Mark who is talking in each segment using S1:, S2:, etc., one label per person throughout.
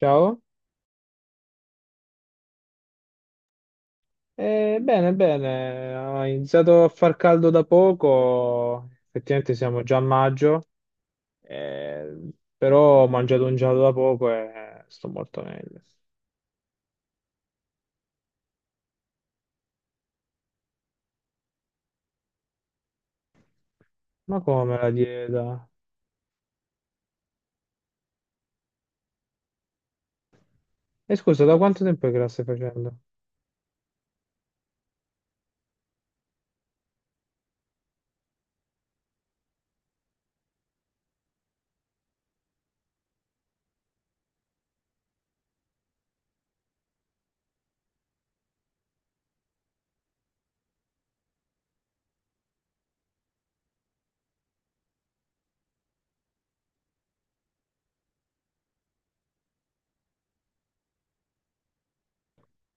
S1: Ciao. Bene, bene, ha iniziato a far caldo da poco, effettivamente siamo già a maggio, eh, però ho mangiato un gelato da poco e sto molto meglio. Ma come la dieta? E scusa, da quanto tempo che la stai facendo?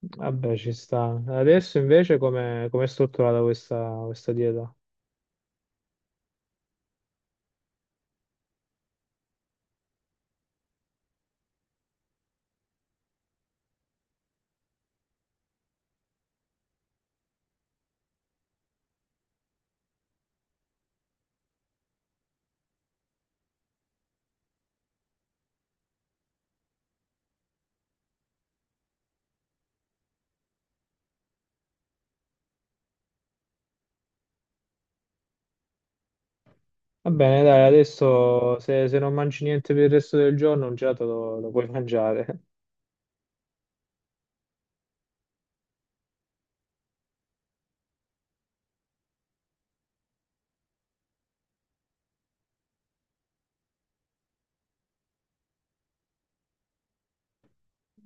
S1: Vabbè, ci sta. Adesso invece come è strutturata questa dieta? Va bene, dai, adesso se non mangi niente per il resto del giorno, un gelato lo puoi mangiare.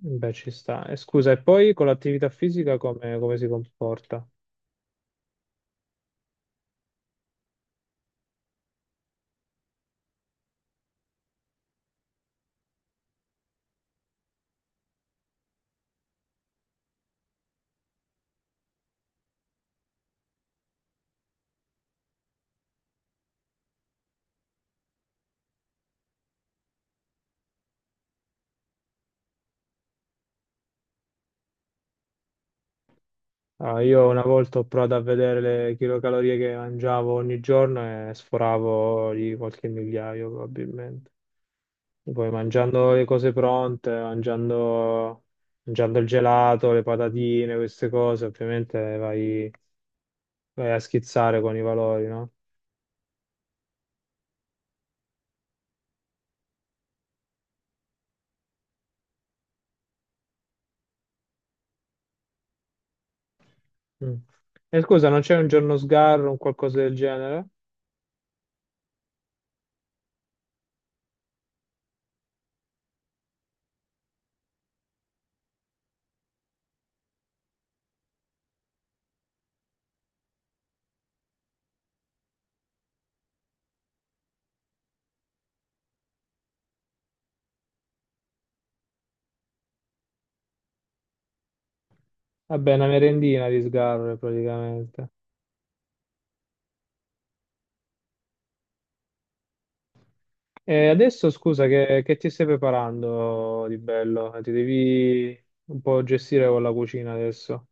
S1: Beh, ci sta. E scusa, e poi con l'attività fisica come, come si comporta? Ah, io una volta ho provato a vedere le chilocalorie che mangiavo ogni giorno e sforavo di qualche migliaio probabilmente. E poi mangiando le cose pronte, mangiando il gelato, le patatine, queste cose, ovviamente vai a schizzare con i valori, no? Mm. E scusa, non c'è un giorno sgarro, un qualcosa del genere? Vabbè, una merendina di sgarro praticamente. E adesso scusa, che ti stai preparando di bello? Ti devi un po' gestire con la cucina adesso.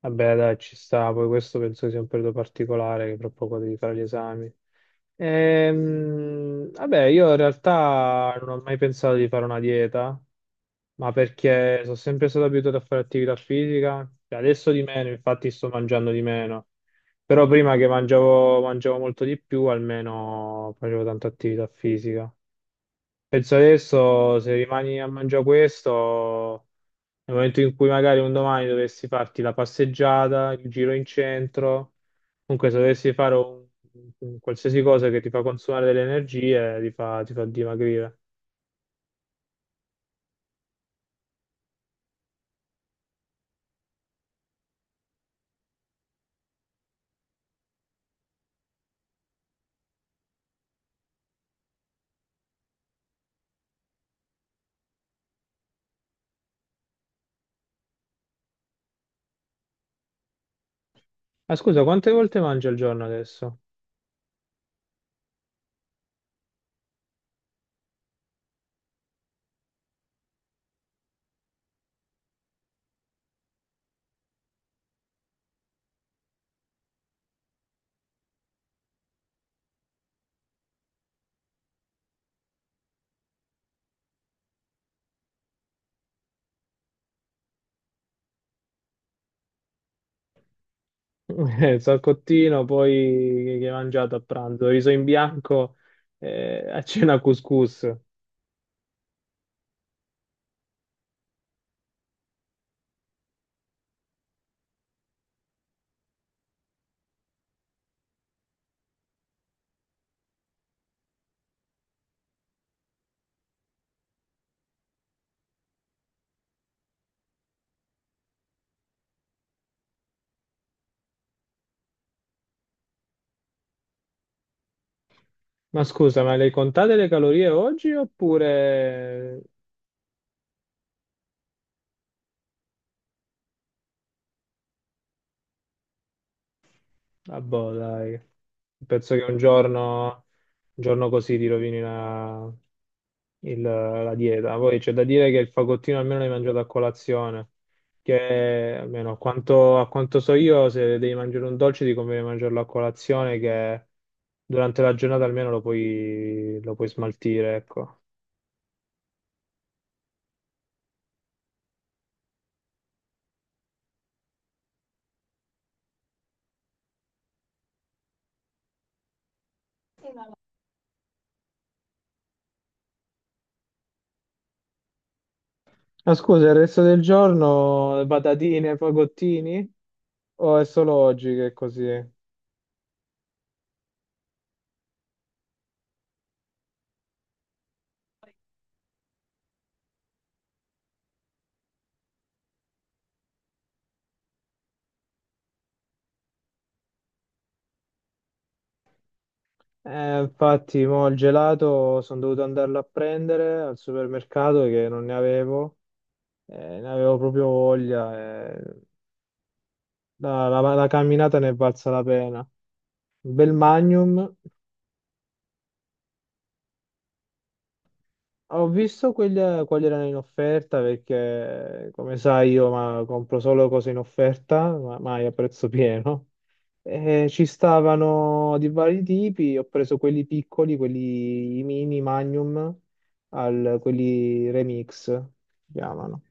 S1: Vabbè, dai, ci sta. Poi questo penso sia un periodo particolare, che tra poco devi fare gli esami. Vabbè, io in realtà non ho mai pensato di fare una dieta, ma perché sono sempre stato abituato a fare attività fisica. E adesso di meno, infatti sto mangiando di meno. Però prima che mangiavo, mangiavo molto di più, almeno facevo tanta attività fisica. Penso adesso se rimani a mangiare questo, nel momento in cui magari un domani dovessi farti la passeggiata, il giro in centro, comunque se dovessi fare un qualsiasi cosa che ti fa consumare delle energie, ti fa dimagrire. Ah, scusa, quante volte mangi al giorno adesso? Salcottino, poi che hai mangiato a pranzo? Riso in bianco, a cena couscous. Ma scusa, ma le hai contate le calorie oggi oppure? Ah, boh, dai. Penso che un giorno così ti rovini la dieta. Poi c'è da dire che il fagottino almeno l'hai mangiato a colazione, che almeno a quanto so io, se devi mangiare un dolce ti conviene mangiarlo a colazione, che durante la giornata almeno lo puoi smaltire, ecco. Ma scusa, il resto del giorno patatine, fagottini? O è solo oggi che è così? Infatti, mo il gelato sono dovuto andarlo a prendere al supermercato che non ne avevo, ne avevo proprio voglia. eh. La camminata ne è valsa la pena. Un bel Magnum. Ho visto quali erano in offerta perché, come sai, compro solo cose in offerta, ma mai a prezzo pieno. E ci stavano di vari tipi, ho preso quelli piccoli, quelli mini, Magnum, quelli Remix, si chiamano.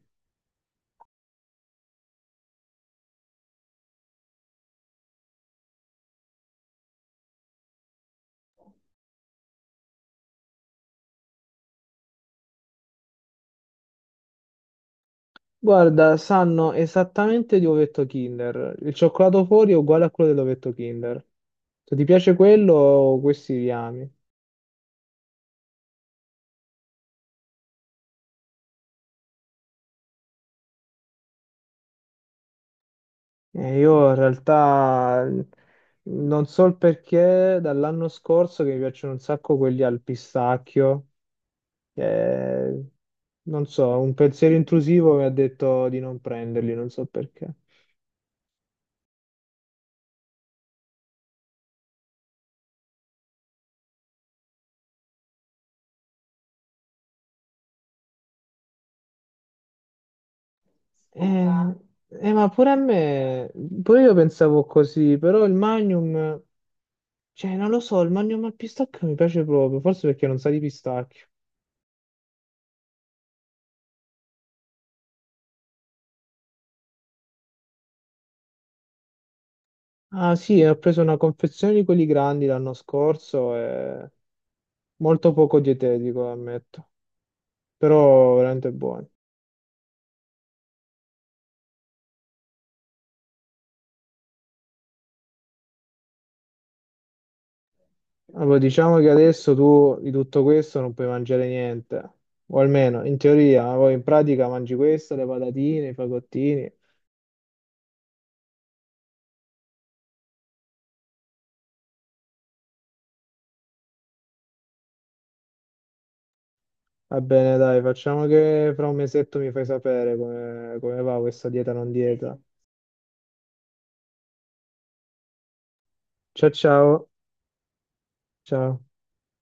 S1: Guarda, sanno esattamente di ovetto Kinder. Il cioccolato fuori è uguale a quello dell'ovetto Kinder. Se ti piace quello, questi li ami. Io in realtà non so il perché dall'anno scorso che mi piacciono un sacco quelli al pistacchio. eh, Non so, un pensiero intrusivo mi ha detto di non prenderli, non so perché. Eh, ma pure a me, pure io pensavo così, però il Magnum, cioè non lo so, il Magnum al pistacchio mi piace proprio, forse perché non sa di pistacchio. Ah sì, ho preso una confezione di quelli grandi l'anno scorso e molto poco dietetico, ammetto. Però veramente buoni. Allora, diciamo che adesso tu di tutto questo non puoi mangiare niente, o almeno in teoria, ma poi in pratica mangi questo, le patatine, i fagottini. Va bene, dai, facciamo che fra un mesetto mi fai sapere come, come va questa dieta non dieta. Ciao ciao, ciao.